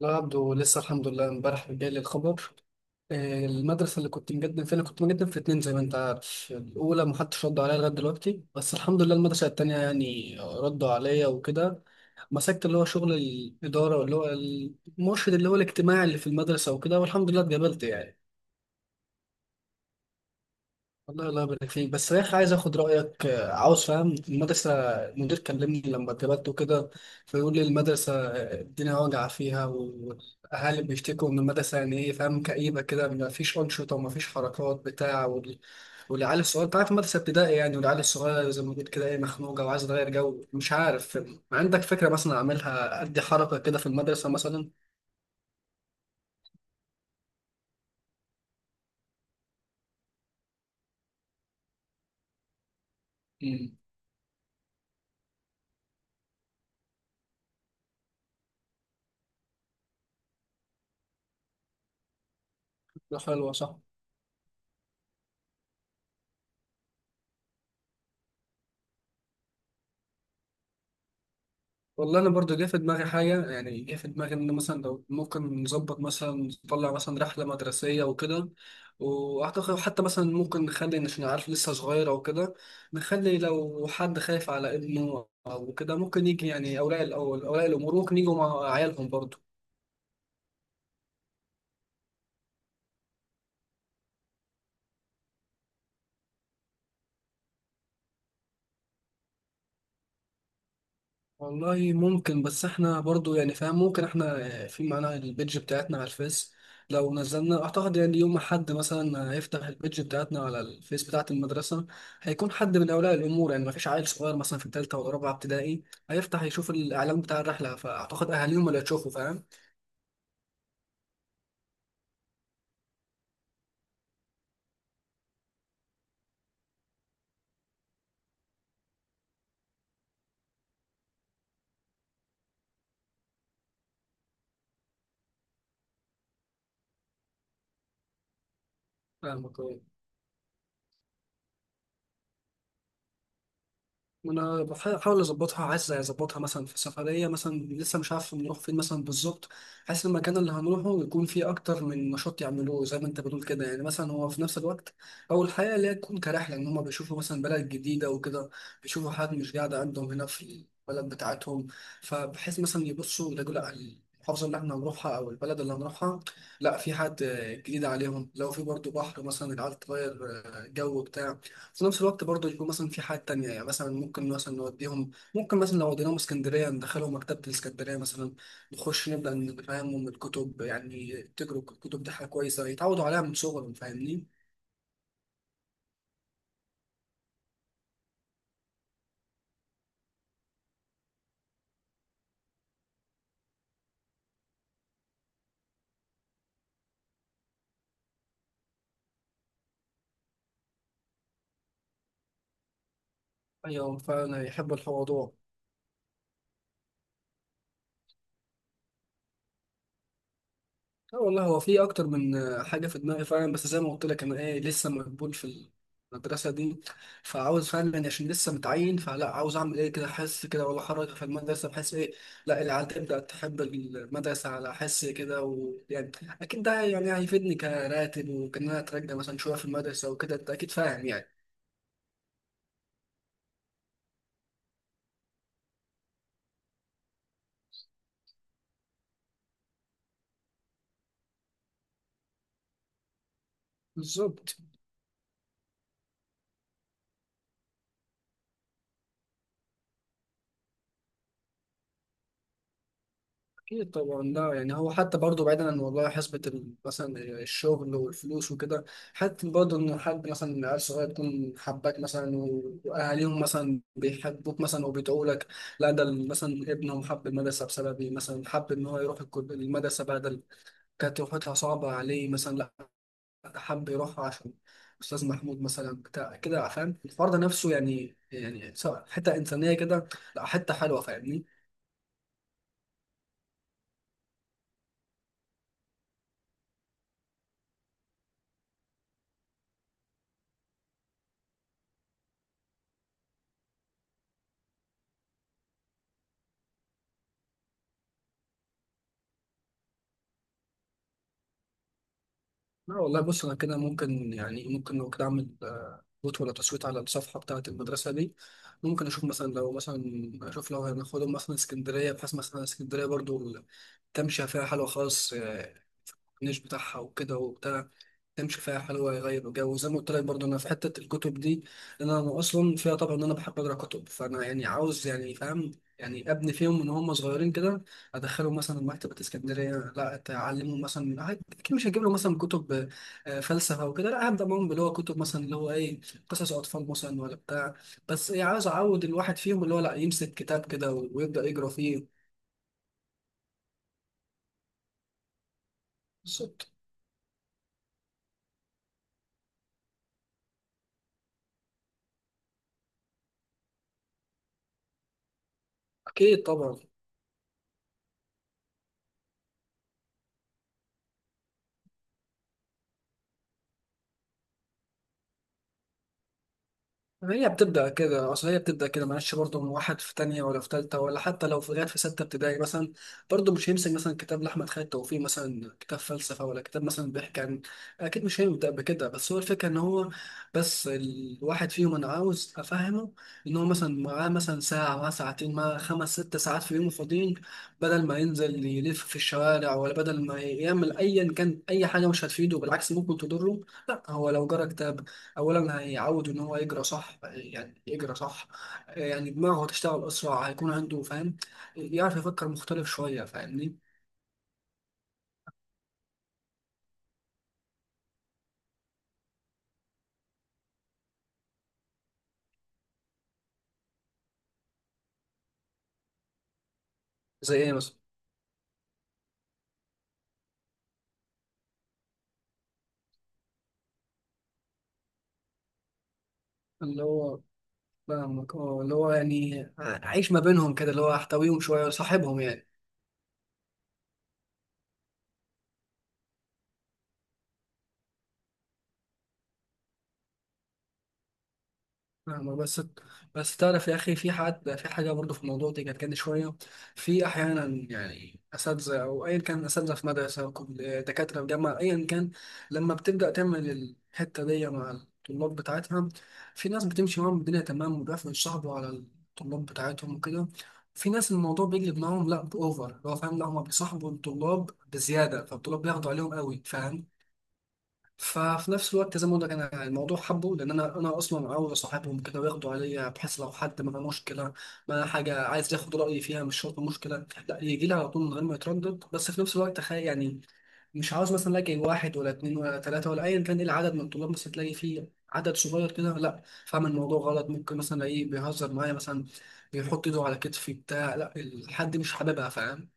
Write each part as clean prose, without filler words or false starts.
لا يا عبدو، لسه الحمد لله امبارح جالي الخبر. المدرسة اللي كنت مقدم فيها، أنا كنت مقدم في اتنين زي ما أنت عارف. الأولى محدش رد عليا لغاية دلوقتي، بس الحمد لله المدرسة التانية يعني ردوا عليا وكده. مسكت اللي هو شغل الإدارة، واللي هو المرشد اللي هو الاجتماعي اللي في المدرسة وكده، والحمد لله اتقبلت يعني. والله الله يبارك فيك، بس يا اخي عايز اخد رايك. عاوز فاهم المدرسه، المدير كلمني لما اتقبلت وكده، فيقول لي المدرسه الدنيا واجعه فيها، والاهالي بيشتكوا ان المدرسه يعني ايه، فاهم، كئيبه كده، ما فيش انشطه وما فيش حركات بتاع، والعيال الصغيره انت عارف المدرسه ابتدائي يعني، والعيال الصغيره زي ما قلت كده ايه، مخنوقه وعايزه تغير جو مش عارف. عندك فكره مثلا اعملها ادي حركه كده في المدرسه مثلا؟ امم حلوه، صح. والله انا برضو جه في دماغي حاجه، يعني جه في دماغي ان مثلا لو ممكن نظبط مثلا نطلع مثلا رحله مدرسيه وكده. واعتقد حتى مثلا ممكن نخلي، عشان عارف لسه صغير او كده، نخلي لو حد خايف على ابنه او كده ممكن يجي، يعني اولياء الاول اولياء الامور ممكن يجوا مع عيالهم برضو. والله ممكن، بس احنا برضو يعني فاهم، ممكن احنا في معانا البيدج بتاعتنا على الفيس، لو نزلنا اعتقد يعني يوم ما حد مثلا هيفتح البيدج بتاعتنا على الفيس بتاعة المدرسة، هيكون حد من اولياء الامور، يعني ما فيش عيل صغير مثلا في ثالثة ولا رابعة ابتدائي هيفتح يشوف الاعلان بتاع الرحلة، فاعتقد اهاليهم اللي هيشوفوا، فاهم. فاهمك. ما انا بحاول اظبطها، عايز اظبطها مثلا في سفريه مثلا، لسه مش عارف نروح فين مثلا بالظبط. حاسس المكان اللي هنروحه يكون فيه اكتر من نشاط يعملوه زي ما انت بتقول كده، يعني مثلا هو في نفس الوقت اول حاجه اللي هي تكون كرحله ان هم بيشوفوا مثلا بلد جديده وكده، بيشوفوا حاجات مش قاعده عندهم هنا في البلد بتاعتهم، فبحيث مثلا يبصوا يلاقوا، لا، المحافظه اللي احنا هنروحها او البلد اللي هنروحها لا، في حد جديد عليهم، لو في برضه بحر مثلا العيال تغير جو بتاع. في نفس الوقت برضه يكون مثلا في حاجات تانية، يعني مثلا ممكن مثلا نوديهم، ممكن مثلا لو وديناهم اسكندرية ندخلهم مكتبة الاسكندرية مثلا، نخش نبدأ نفهمهم الكتب، يعني تجروا الكتب دي حاجة كويسة يتعودوا عليها من صغرهم، فاهمني؟ أيوة فعلا يحبوا الموضوع. لا والله هو في اكتر من حاجه في دماغي فعلا، بس زي ما قلت لك انا ايه، لسه مقبول في المدرسه دي، فعاوز فعلا يعني عشان لسه متعين، فلا عاوز اعمل ايه كده، احس كده ولا حركه في المدرسه بحيث ايه، لا العيال تبدا تحب المدرسه على حس كده، ويعني اكيد ده يعني هيفيدني كراتب، وكان انا اترجى مثلا شويه في المدرسه وكده، انت اكيد فاهم يعني. بالظبط. أكيد طبعا، لا يعني هو حتى برضه بعيدا عن موضوع حسبة مثلا الشغل والفلوس وكده، حتى برضه إن حد مثلا عيل صغير يكون حباك مثلا وأهاليهم مثلا بيحبوك مثلا وبيدعوا لك، لا، ده مثلا ابنهم حب المدرسة بسببي، مثلا حب إن هو يروح المدرسة بدل، كانت روحتها صعبة عليه مثلا، لا، حب يروح عشان أستاذ محمود مثلا بتاع كده، فاهم الفرد نفسه يعني، يعني سواء حتة إنسانية كده، لا حتة حلوة، فاهمني. لا والله بص، انا كده ممكن يعني، ممكن لو كده اعمل فوت ولا تصويت على الصفحه بتاعه المدرسه دي، ممكن اشوف مثلا لو مثلا اشوف لو هناخدهم مثلا اسكندريه، بحيث مثلا اسكندريه برضو تمشي فيها حلوه خالص، الكورنيش بتاعها وكده وبتاع، تمشي فيها حلوة، يغير الجو. وزي ما قلت لك برضه أنا في حتة الكتب دي، لأن أنا أصلا فيها طبعا إن أنا بحب أقرأ كتب، فأنا يعني عاوز يعني فاهم، يعني أبني فيهم من هم صغيرين كده، أدخلهم مثلا مكتبة اسكندرية، لا أتعلمهم مثلا، أكيد مش هجيب لهم مثلا كتب فلسفة وكده، لا هبدأ معاهم اللي هو كتب مثلا اللي هو إيه، قصص أطفال مثلا ولا بتاع، بس إيه عاوز أعود الواحد فيهم اللي هو، لا يمسك كتاب كده ويبدأ يقرأ فيه. بالظبط. أكيد طبعا. هي بتبدأ كده، أصل هي بتبدأ كده معلش، برضه من واحد في تانية ولا في تالتة، ولا حتى لو في لغاية في ستة ابتدائي مثلا، برضه مش هيمسك مثلا كتاب لأحمد خالد توفيق، مثلا كتاب فلسفة، ولا كتاب مثلا بيحكي عن، أكيد مش هيبدأ بكده، بس هو الفكرة إن هو، بس الواحد فيهم أنا عاوز أفهمه إن هو مثلا معاه مثلا ساعة، معاه ساعتين، معاه خمس ست ساعات في يومه فاضيين، بدل ما ينزل يلف في الشوارع، ولا بدل ما يعمل أيا كان أي حاجة مش هتفيده، بالعكس ممكن تضره، لا هو لو جرى كتاب، اولا هيعود ان هو يجرى صح، يعني يجرى صح، يعني دماغه هتشتغل اسرع، هيكون عنده فاهم، يعرف يفكر مختلف شويه، فاهمني. زي ايه مثلا؟ اللي هو فاهمك، اه اللي هو يعني عيش ما بينهم كده، اللي هو احتويهم شويه، صاحبهم يعني. فاهمة، بس بس تعرف يا أخي في حد في حاجة برضه في الموضوع دي كانت كده شوية، في أحيانا يعني أساتذة أو أيا كان، أساتذة في مدرسة أو دكاترة في جامعة أيا كان، لما بتبدأ تعمل الحتة دي مع الطلاب بتاعتها، في ناس بتمشي معاهم الدنيا تمام، وبيعرفوا يتصاحبوا على الطلاب بتاعتهم وكده، في ناس الموضوع بيجلب معاهم، لا بأوفر اللي هو فاهم، لا هما بيصاحبوا الطلاب بزيادة، فالطلاب بياخدوا عليهم قوي، فاهم. ففي نفس الوقت زي ما بقول لك، انا الموضوع حبه، لان انا اصلا عاوز اصاحبهم كده وياخدوا عليا، بحيث لو حد ما مشكله، ما حاجه، عايز ياخد رايي فيها، مش شرط مشكله، لا، يجي لي على طول من غير ما يتردد، بس في نفس الوقت تخيل يعني، مش عاوز مثلا الاقي واحد ولا اتنين ولا تلاته ولا ايا كان ايه العدد من الطلاب، مثلا تلاقي فيه عدد صغير كده، لا، فاهم الموضوع غلط، ممكن مثلا الاقيه بيهزر معايا مثلا، بيحط ايده على كتفي بتاع، لا الحد مش حاببها، فاهم.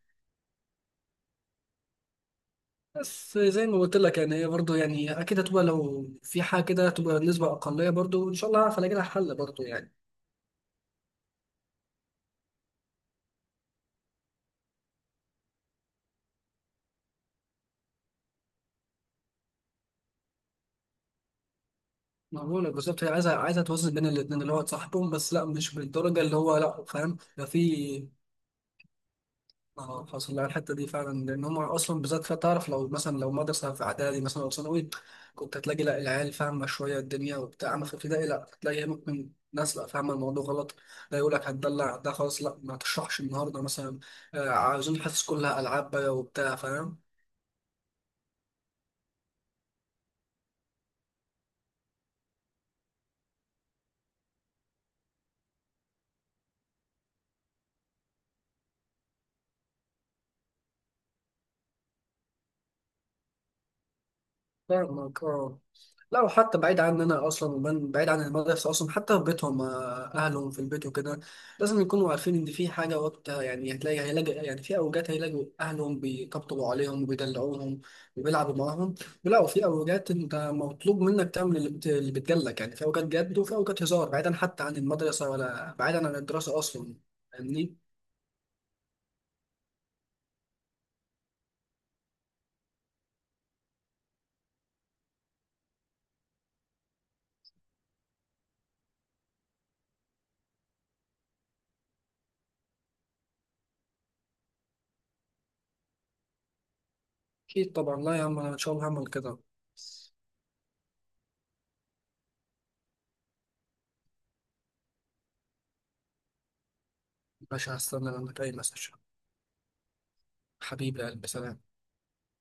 بس زي ما قلت لك يعني، هي برضه يعني اكيد هتبقى، لو في حاجه كده هتبقى نسبه اقليه برضه، ان شاء الله هعرف الاقي لها حل برضه يعني. ما بقول لك بالظبط، هي عايزه، عايزه توازن بين الاثنين، اللي هو تصاحبهم بس لا مش بالدرجه اللي هو، لا فاهم ده في، اه حصل لها الحته دي فعلا، لان هم اصلا بالذات فيها تعرف، لو مثلا لو مدرسه في اعدادي مثلا او ثانوي، كنت هتلاقي لا العيال فاهمه شويه الدنيا وبتاع، اما في ابتدائي لا هتلاقي ممكن ناس لا فاهمه الموضوع غلط، لا يقول لك هتدلع ده خلاص، لا ما تشرحش النهارده مثلا، عاوزين الحصص كلها العاب بقى وبتاع، فاهم. فاهمك، اه. لا وحتى بعيد عننا اصلا، ومن بعيد عن المدرسه اصلا، حتى في بيتهم اهلهم في البيت وكده، لازم يكونوا عارفين ان في حاجه وقت، يعني هتلاقي هيلاقي يعني، في اوجات هيلاقوا اهلهم بيطبطبوا عليهم وبيدلعوهم وبيلعبوا معاهم، لا وفي اوجات انت مطلوب منك تعمل اللي اللي بتجلك، يعني في اوجات جد وفي اوجات هزار، بعيدا حتى عن المدرسه ولا بعيدا عن الدراسه اصلا، فاهمني. اكيد طبعا، لا يا عم انا ان شاء الله هعمل كده. مش هستنى منك اي مسج. حبيبي يا قلبي، سلام.